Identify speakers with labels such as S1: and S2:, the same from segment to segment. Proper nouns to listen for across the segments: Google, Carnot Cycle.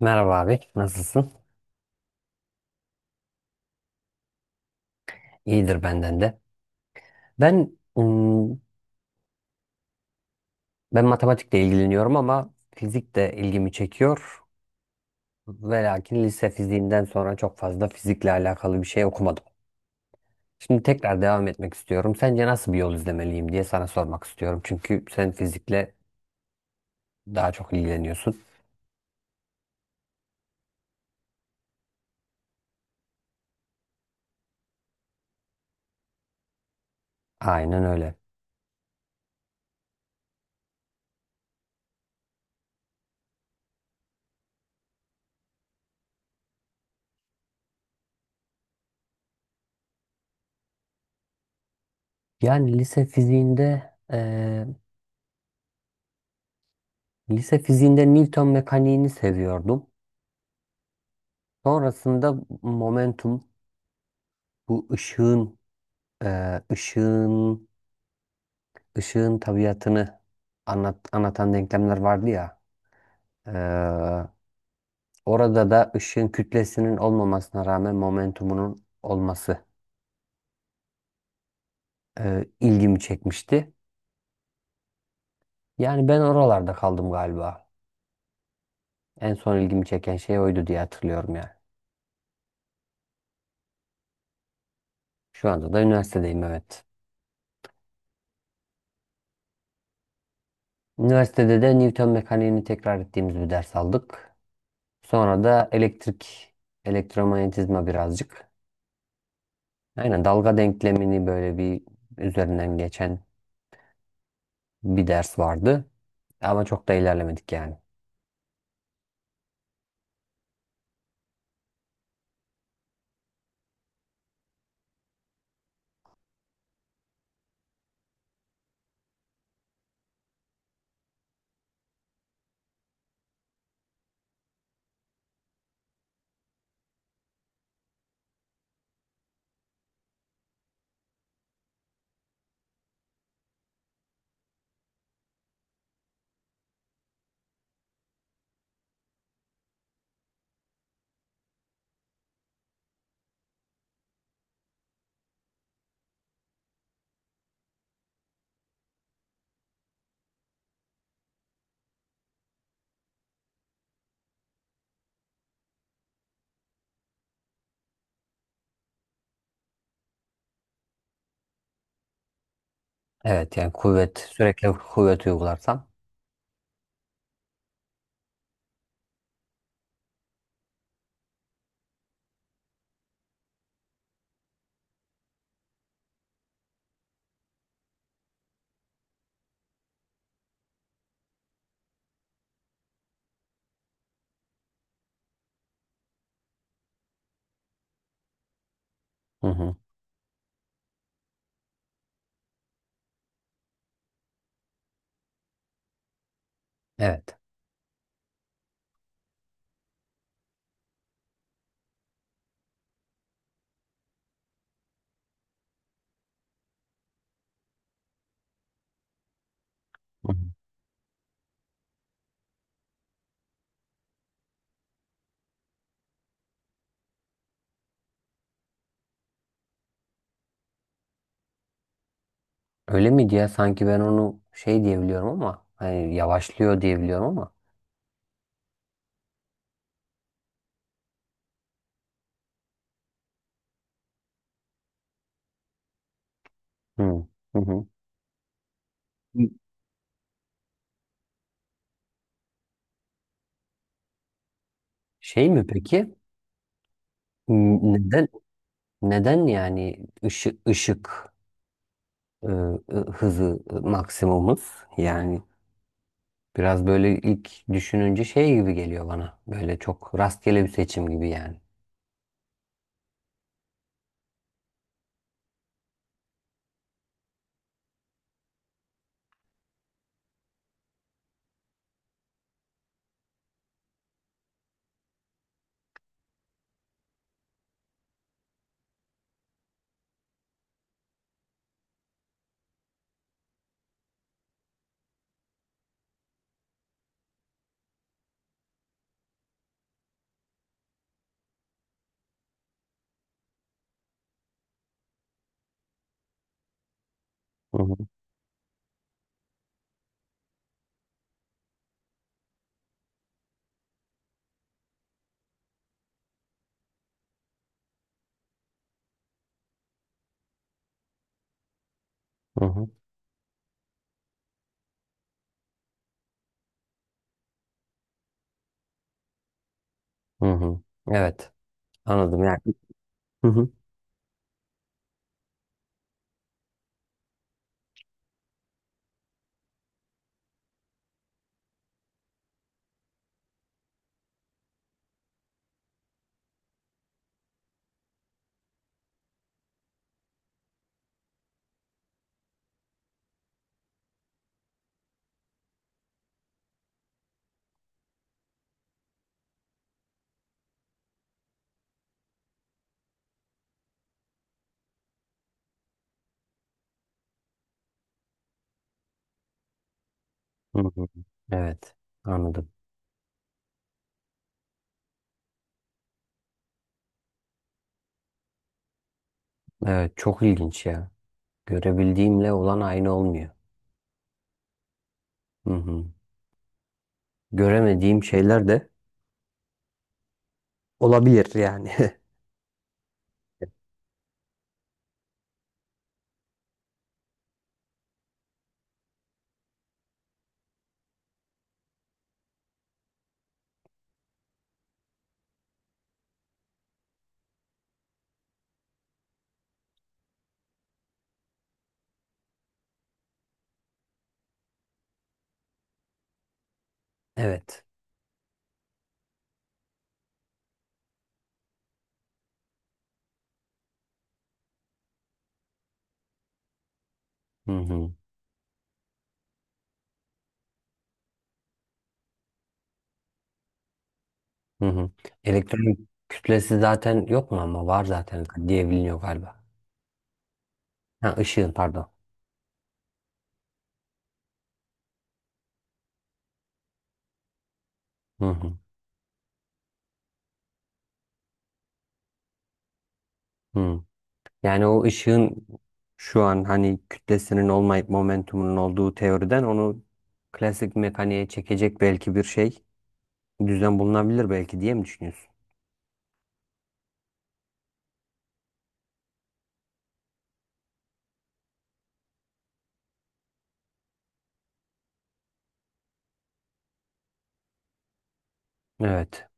S1: Merhaba abi, nasılsın? İyidir benden de. Ben ım, Ben matematikle ilgileniyorum ama fizik de ilgimi çekiyor. Ve lakin lise fiziğinden sonra çok fazla fizikle alakalı bir şey okumadım. Şimdi tekrar devam etmek istiyorum. Sence nasıl bir yol izlemeliyim diye sana sormak istiyorum. Çünkü sen fizikle daha çok ilgileniyorsun. Aynen öyle. Yani lise fiziğinde lise fiziğinde Newton mekaniğini seviyordum. Sonrasında momentum, bu ışığın, e, ışığın ışığın tabiatını anlatan denklemler vardı ya. E, Orada da ışığın kütlesinin olmamasına rağmen momentumunun olması ilgimi çekmişti. Yani ben oralarda kaldım galiba. En son ilgimi çeken şey oydu diye hatırlıyorum yani. Şu anda da üniversitedeyim, evet. Üniversitede de Newton mekaniğini tekrar ettiğimiz bir ders aldık. Sonra da elektrik, elektromanyetizma birazcık. Aynen, dalga denklemini böyle bir üzerinden geçen bir ders vardı. Ama çok da ilerlemedik yani. Evet, yani kuvvet, sürekli kuvvet uygularsam. Hı hı. Evet. Hı hı. Öyle miydi ya? Sanki ben onu şey diyebiliyorum, ama hani yavaşlıyor diyebiliyorum ama. Hı hı. Hı. Şey mi peki? Neden, yani ışık, e, hızı maksimumuz yani. Biraz böyle ilk düşününce şey gibi geliyor bana. Böyle çok rastgele bir seçim gibi yani. Hı hı, hı hı, hı hı. Evet, anladım yani. Hı hı, hı hı. Evet, anladım. Evet, çok ilginç ya. Görebildiğimle olan aynı olmuyor. Hı hı. Göremediğim şeyler de olabilir yani. Evet. Hı hı, hı hı. Elektron kütlesi zaten yok mu, ama var zaten diye biliniyor galiba. Ha, ışığın, pardon. Hı hı. Hı. Yani o ışığın şu an hani kütlesinin olmayıp momentumunun olduğu teoriden onu klasik mekaniğe çekecek belki bir şey, düzen bulunabilir belki diye mi düşünüyorsun? Evet.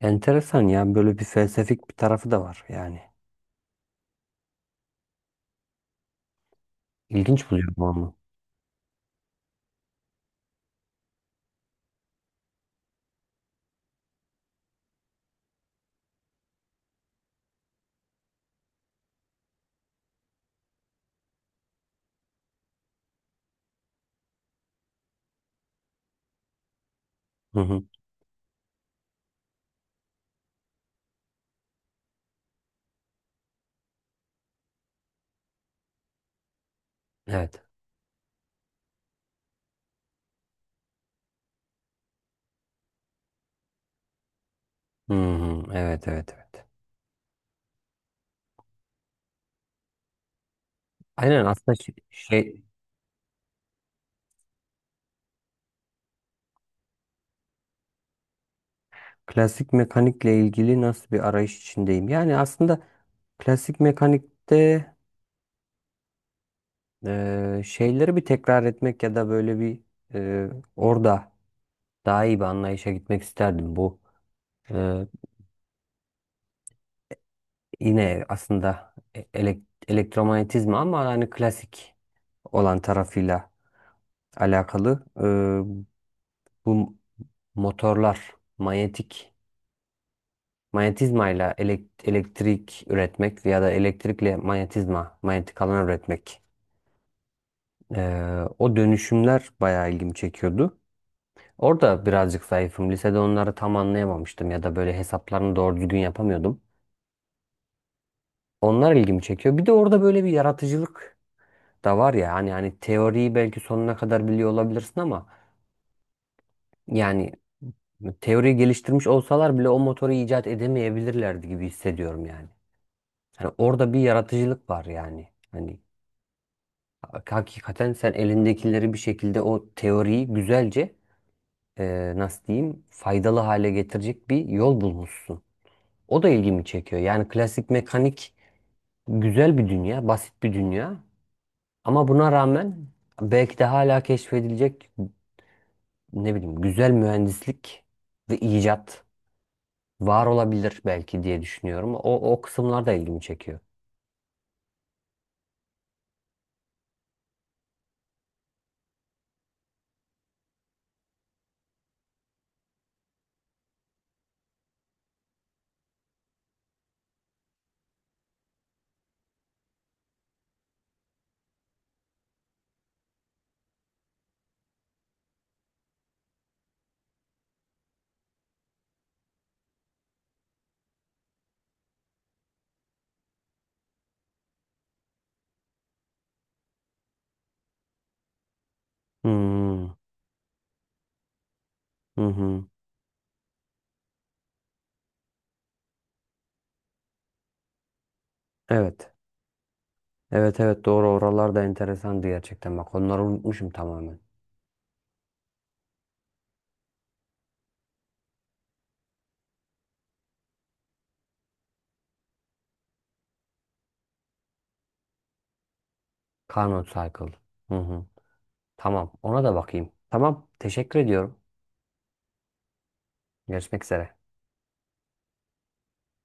S1: Enteresan ya, böyle bir felsefik bir tarafı da var yani. İlginç buluyorum onu. Hı hı. Evet. Hı hı. Evet evet evet. Aynen, aslında şey, klasik mekanikle ilgili nasıl bir arayış içindeyim. Yani aslında klasik mekanikte şeyleri bir tekrar etmek ya da böyle bir eee, orada daha iyi bir anlayışa gitmek isterdim. Bu eee, yine aslında elektromanyetizma ama hani klasik olan tarafıyla alakalı. Bu motorlar, manyetizmayla elektrik üretmek ya da elektrikle, manyetik alan üretmek. O dönüşümler bayağı ilgimi çekiyordu. Orada birazcık zayıfım. Lisede onları tam anlayamamıştım ya da böyle hesaplarını doğru düzgün yapamıyordum. Onlar ilgimi çekiyor. Bir de orada böyle bir yaratıcılık da var ya, hani teoriyi belki sonuna kadar biliyor olabilirsin ama yani teoriyi geliştirmiş olsalar bile o motoru icat edemeyebilirlerdi gibi hissediyorum yani. Hani orada bir yaratıcılık var yani. Hani hakikaten sen elindekileri bir şekilde o teoriyi güzelce, nasıl diyeyim, faydalı hale getirecek bir yol bulmuşsun. O da ilgimi çekiyor. Yani klasik mekanik güzel bir dünya, basit bir dünya. Ama buna rağmen belki de hala keşfedilecek, ne bileyim, güzel mühendislik ve icat var olabilir belki diye düşünüyorum. O kısımlar da ilgimi çekiyor. Hmm. Hı hı. Evet. Evet evet, doğru, oralar da enteresandı gerçekten. Bak, onları unutmuşum tamamen. Carnot Cycle. Hı hı. Tamam, ona da bakayım. Tamam, teşekkür ediyorum. Görüşmek üzere.